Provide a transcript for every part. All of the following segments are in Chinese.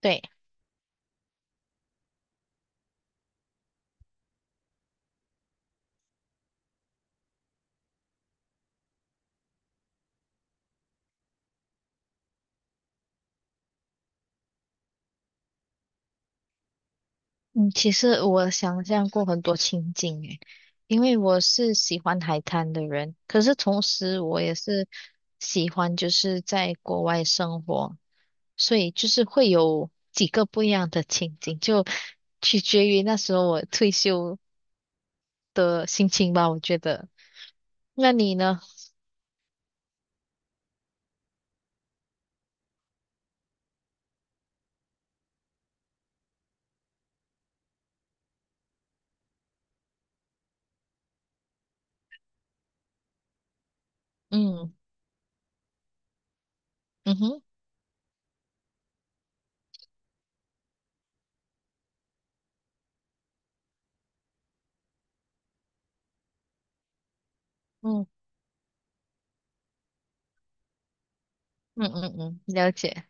对，嗯，其实我想象过很多情景诶，因为我是喜欢海滩的人，可是同时我也是喜欢在国外生活，所以会有几个不一样的情景，就取决于那时候我退休的心情吧，我觉得。那你呢？嗯嗯哼，嗯嗯嗯嗯，了解。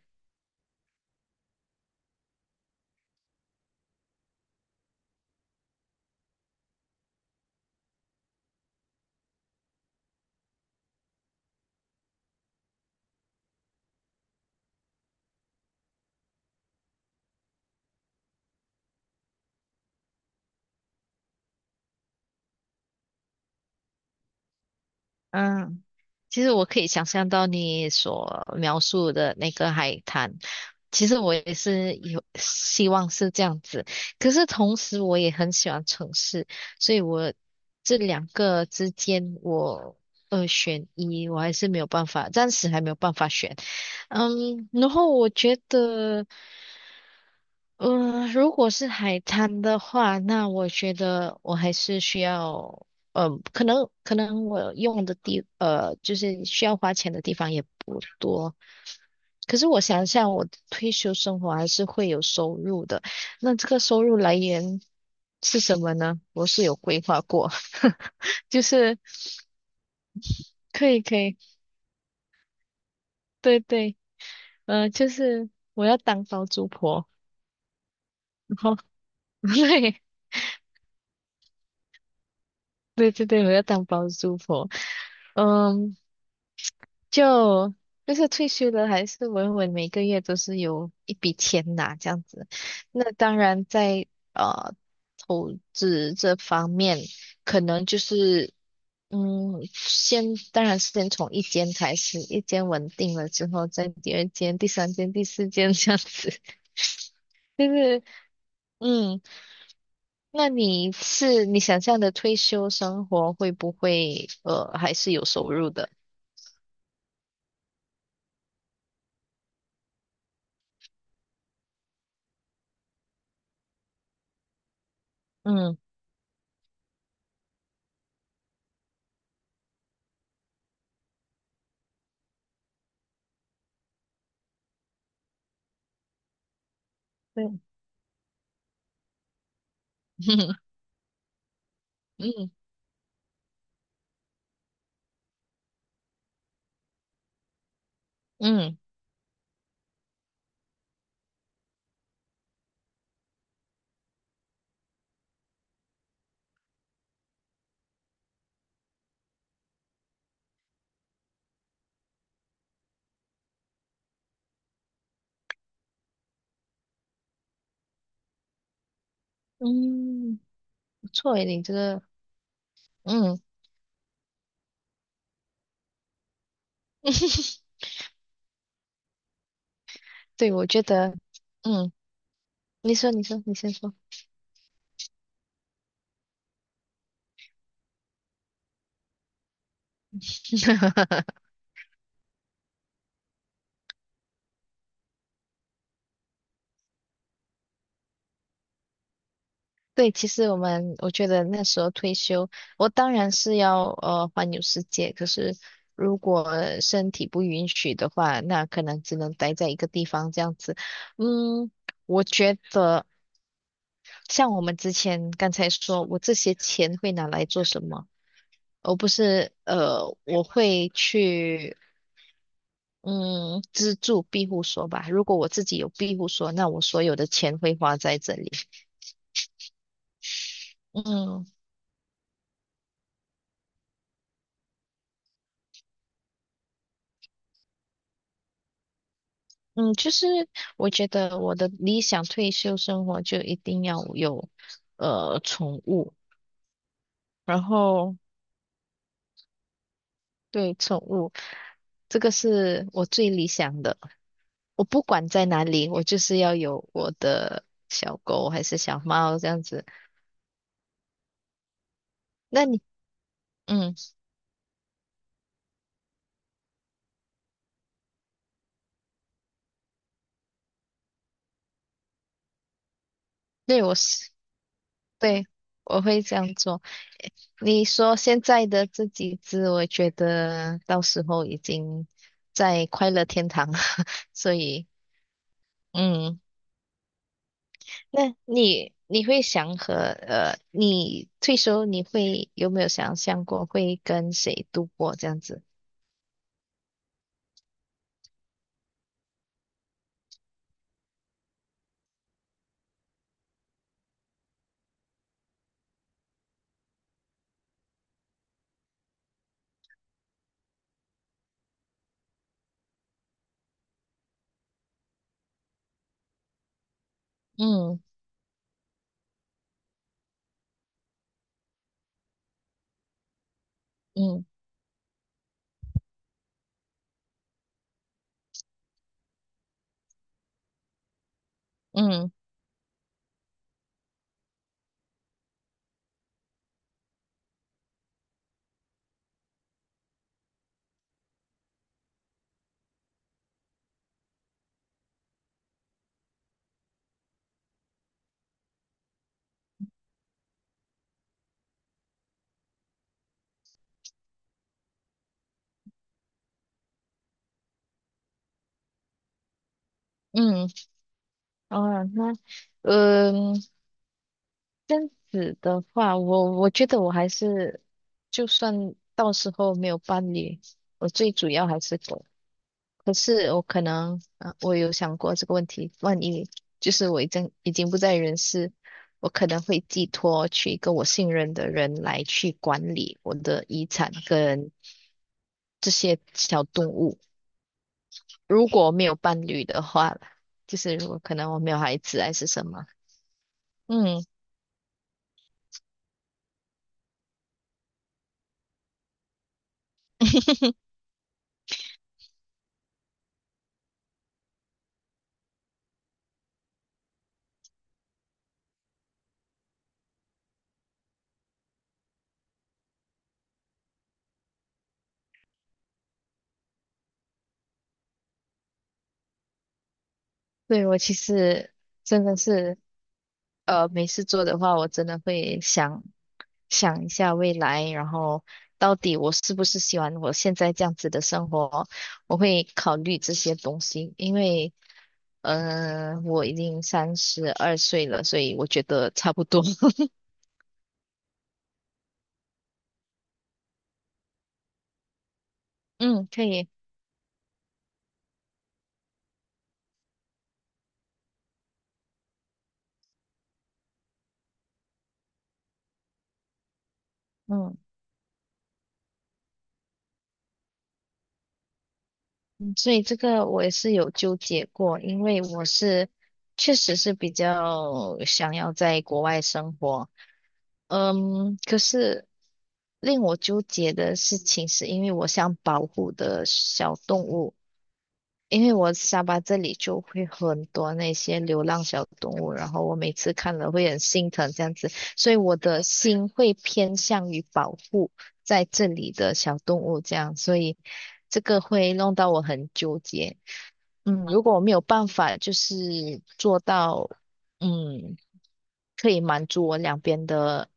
嗯，其实我可以想象到你所描述的那个海滩，其实我也是有希望是这样子，可是同时我也很喜欢城市，所以这两个之间我二选一，我还是没有办法，暂时还没有办法选。嗯，然后我觉得。如果是海滩的话，那我觉得我还是需要。可能我用的地，就是需要花钱的地方也不多。可是我想想，我的退休生活还是会有收入的。那这个收入来源是什么呢？我是有规划过，就是可以可以，对对，就是我要当包租婆，然后 对，对对对，我要当包租婆。嗯，就就是退休了，还是稳稳每个月都是有一笔钱拿这样子。那当然在呃投资这方面，可能就是先当然是先从一间开始，一间稳定了之后，再第二间、第三间、第四间这样子。就是嗯。那你是你想象的退休生活会不会还是有收入的？嗯，对，嗯嗯嗯，不错诶，你这个嗯，对，我觉得嗯，你先说。对，其实我觉得那时候退休，我当然是要环游世界，可是如果身体不允许的话，那可能只能待在一个地方这样子。嗯，我觉得。像我们之前刚才说，我这些钱会拿来做什么？而不是我会去嗯资助庇护所吧。如果我自己有庇护所，那我所有的钱会花在这里。嗯嗯，我觉得我的理想退休生活就一定要有宠物，然后对宠物，这个是我最理想的。我不管在哪里，我就是要有我的小狗还是小猫这样子。那你，嗯，对，我是，对，我会这样做。你说现在的这几只，我觉得到时候已经在快乐天堂了，所以，嗯，那你你会想和你退休你会有没有想象过会跟谁度过这样子？嗯嗯嗯嗯，哦，那。嗯，这样子的话，我觉得我还是，就算到时候没有伴侣，我最主要还是狗。可是我可能，啊，我有想过这个问题，万一就是我已经不在人世，我可能会寄托去一个我信任的人来去管理我的遗产跟这些小动物。如果没有伴侣的话啦就是如果可能我没有孩子还是什么，嗯。对，我其实真的是没事做的话，我真的会想一下未来，然后到底我是不是喜欢我现在这样子的生活，我会考虑这些东西，因为我已经32岁了，所以我觉得差不多，嗯，可以，嗯嗯，所以这个我也是有纠结过，因为我是确实是比较想要在国外生活。可是令我纠结的事情是，因为我想保护的小动物，因为我下巴这里就会很多那些流浪小动物，然后我每次看了会很心疼这样子，所以我的心会偏向于保护在这里的小动物这样，所以这个会弄到我很纠结。如果我没有办法做到。嗯，可以满足我两边的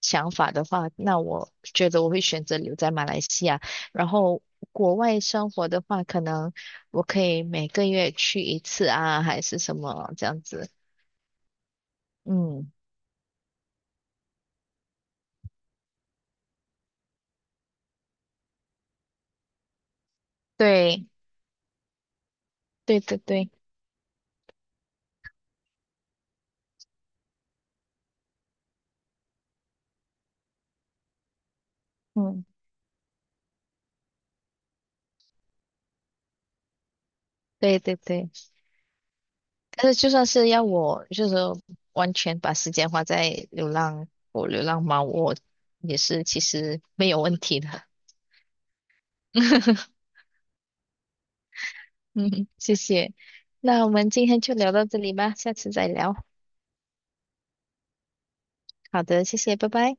想法的话，那我觉得我会选择留在马来西亚。然后国外生活的话，可能我可以每个月去一次啊，还是什么这样子。嗯，对，对对对，嗯，对对对。但是就算是要我，就是完全把时间花在流浪狗、流浪猫，我也是其实没有问题的。嗯，谢谢。那我们今天就聊到这里吧，下次再聊。好的，谢谢，拜拜。